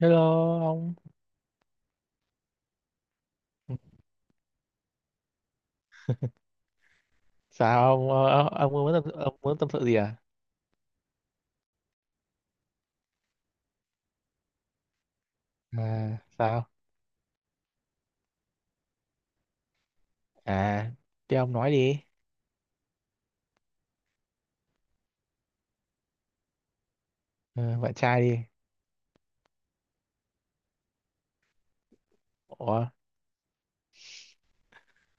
Hello, ông. Sao ông ông muốn tâm sự gì à? À, sao? À, thế ông nói đi. Ờ, bạn trai đi. Ủa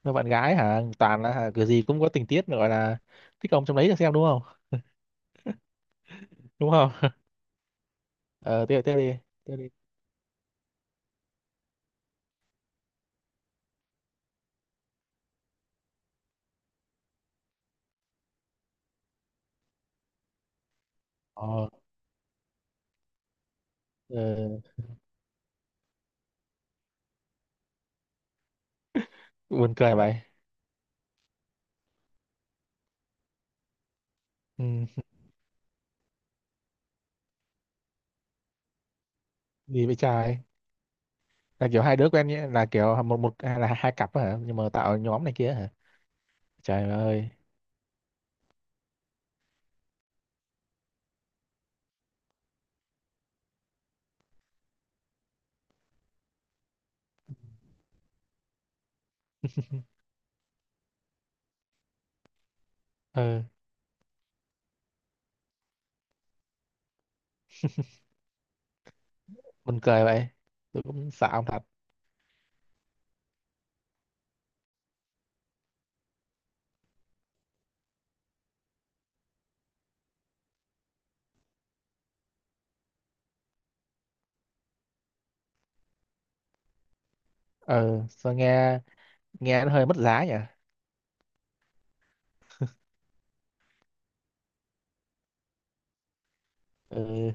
mà bạn gái hả, toàn là hả, kiểu gì cũng có tình tiết gọi là thích ông trong đấy, là xem đúng không? Đúng không? Ờ, tiếp tiếp đi, tiếp đi. ờ, ờ Buồn cười vậy. Ừ. Gì vậy trai? Là kiểu hai đứa quen nhé, là kiểu một một hay là hai cặp hả, nhưng mà tạo nhóm này kia hả? Trời ơi. ờ Buồn cười vậy, tôi cũng sợ ông thật. Ờ sao nghe nghe nó hơi mất giá nhỉ. Ừ.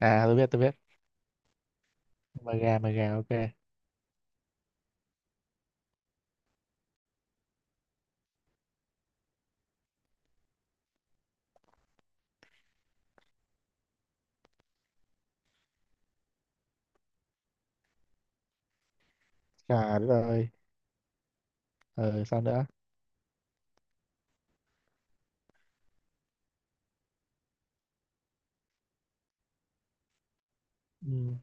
À, tôi biết, tôi biết. Mời gà, mời gà, ok. Gà đất ơi. Ừ, sao nữa? Ừ.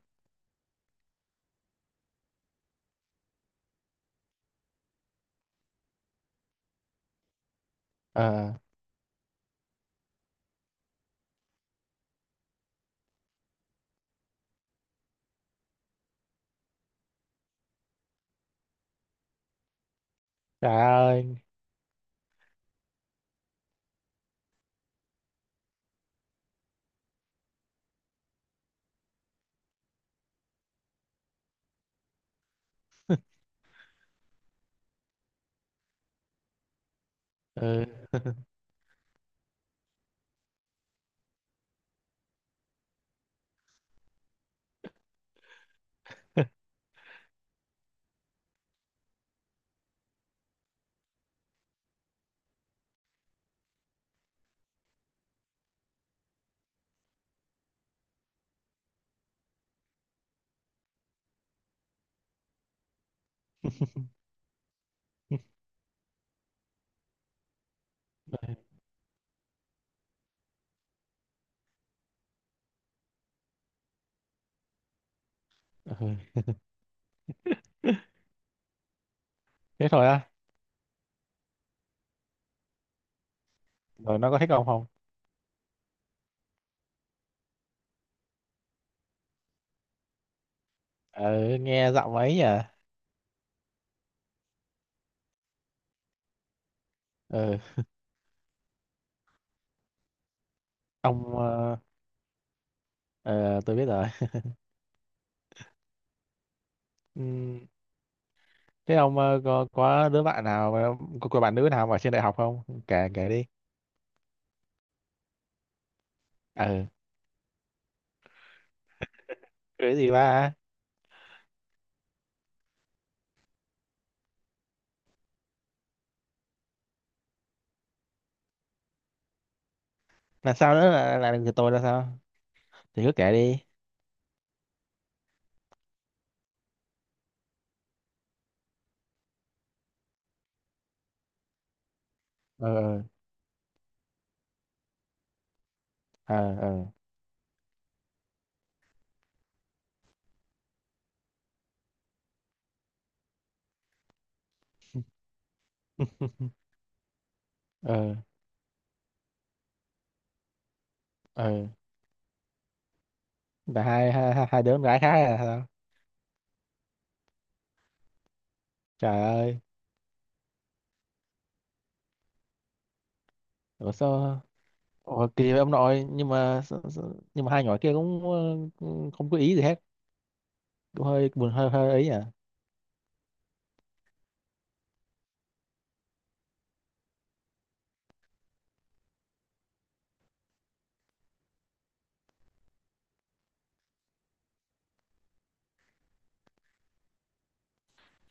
ờ Trời ơi. Ừ. Ừ. Thế thôi á? Rồi nó có thích ông không? Ừ, nghe giọng ấy nhỉ. Ừ. ông ờ, ờ, tôi biết rồi. Ừ. Thế ông có đứa bạn nào có bạn nữ nào mà ở trên đại học không, kể kể đi. Ừ. Cái gì ba? Là sao nữa, là người tôi là sao? Thì cứ kể đi. Ừ, ừ. Ờ, ờ. Ừ, ừ. Là hai hai hai hai đứa con gái khác à hả? Trời ơi. Ủa, sao? Ủa, kỳ vậy ông nội, nhưng mà nhưng mà hai nhỏ kia cũng ờ, không có ý gì hết. Cũng hơi buồn, hơi hơi ấy à?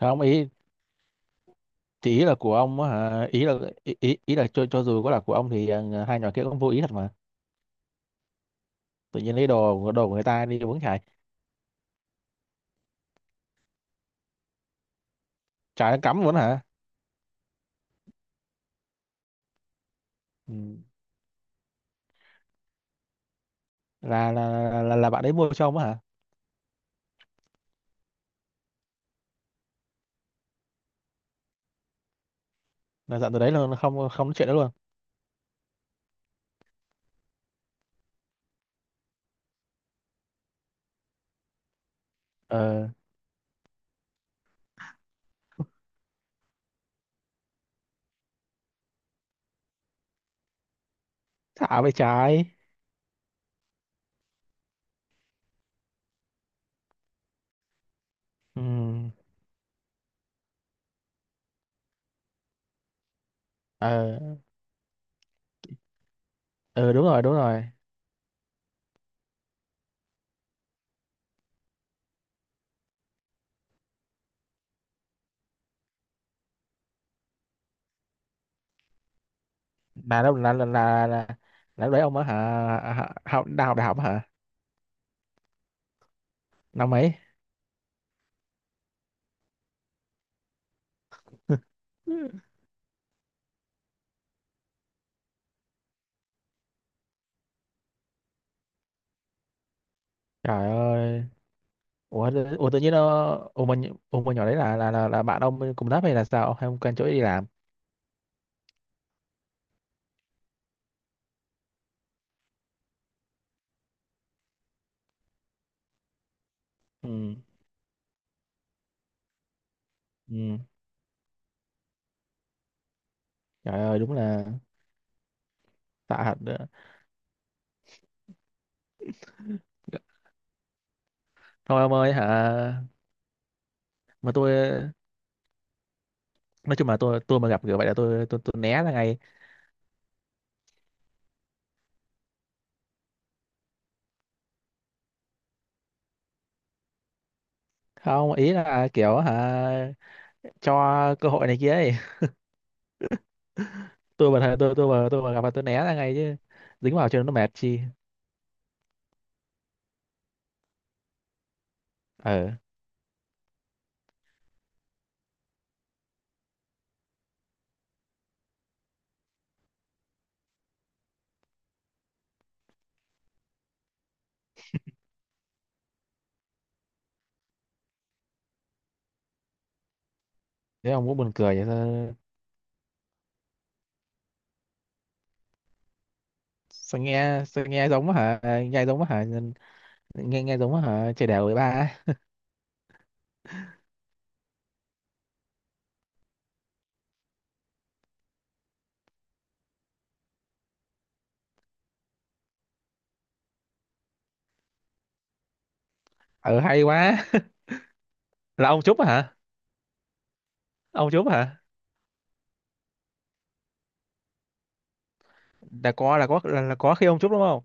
Không, ý thì ý là của ông á hả, ý là, ý ý, ý là cho dù có là của ông thì hai nhỏ kia cũng vô ý thật mà. Tự nhiên lấy đồ của người ta đi uống. Chài chài, nó cắm luôn hả? Ừ. là bạn ấy mua cho ông á hả? Là dặn từ đấy là không không nói chuyện đó luôn. ờ Thả về trái. Ừ, ờ. Ừ, đúng rồi, đúng rồi. Là đâu là là là là, là lúc đấy ông ở hả? Học đại học, hả? Năm mấy? Trời ơi. Ủa, tự nhiên nó. Ủa mà nhỏ đấy là bạn ông cùng lớp hay là sao, hay ông quen chỗ ấy đi làm? Ừ, ừ. Trời ơi, đúng là tạ thật nữa. Thôi ông ơi hả. Mà tôi nói chung là tôi mà gặp kiểu vậy là tôi né ra ngay. Không, ý là kiểu hả, cho cơ hội này kia ấy. Tôi mà gặp là tôi né ra ngay chứ. Dính vào cho nó mệt chi. ờ Thế ông cũng buồn cười vậy sao? Sao nghe giống hả. À, nghe giống hả. Nghe nghe giống hả, chơi đèo với ba ấy. Ờ Hay quá. Là ông Trúc hả? Ông Trúc hả? Là có khi ông Trúc đúng không?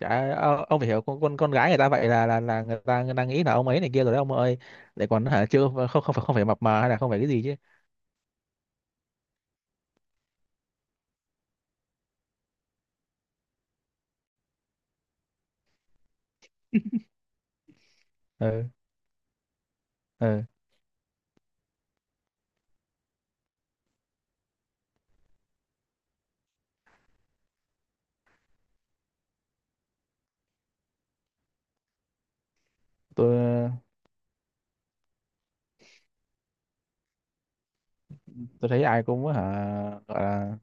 Chả, ông phải hiểu con gái người ta vậy là người ta nghĩ là ông ấy này kia rồi đấy ông ơi. Lại còn hả, chưa không không phải không phải mập mờ, hay là không phải cái gì chứ. Ừ, ừ. Tôi tôi thấy ai cũng hả, gọi là.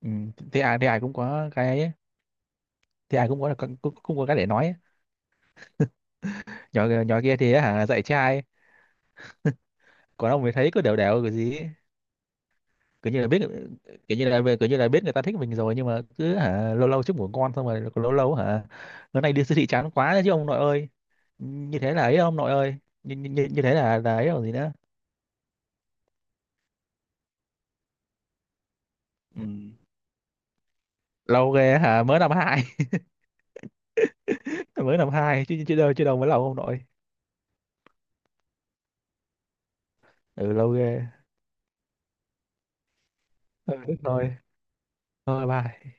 Ừ, thì ai cũng có cái ấy, thì ai cũng có, cũng có cái để nói. Nhỏ nhỏ kia thì ấy hả dạy trai. Còn ông mới thấy cứ đều đều cái gì ấy. Cứ như là biết, kiểu như là biết người ta thích mình rồi, nhưng mà cứ hả lâu lâu chúc ngủ ngon, xong rồi lâu lâu hả bữa nay đi siêu thị chán quá đấy chứ ông nội ơi. Như thế là ấy ông nội ơi. Như, như, như như thế là ấy, còn gì nữa. Ừ. Lâu ghê á hả, mới năm hai? Mới năm hai chứ chứ đâu mới lâu ông nội. Ừ, lâu ghê. Ừ, thế thôi. Thôi, bye.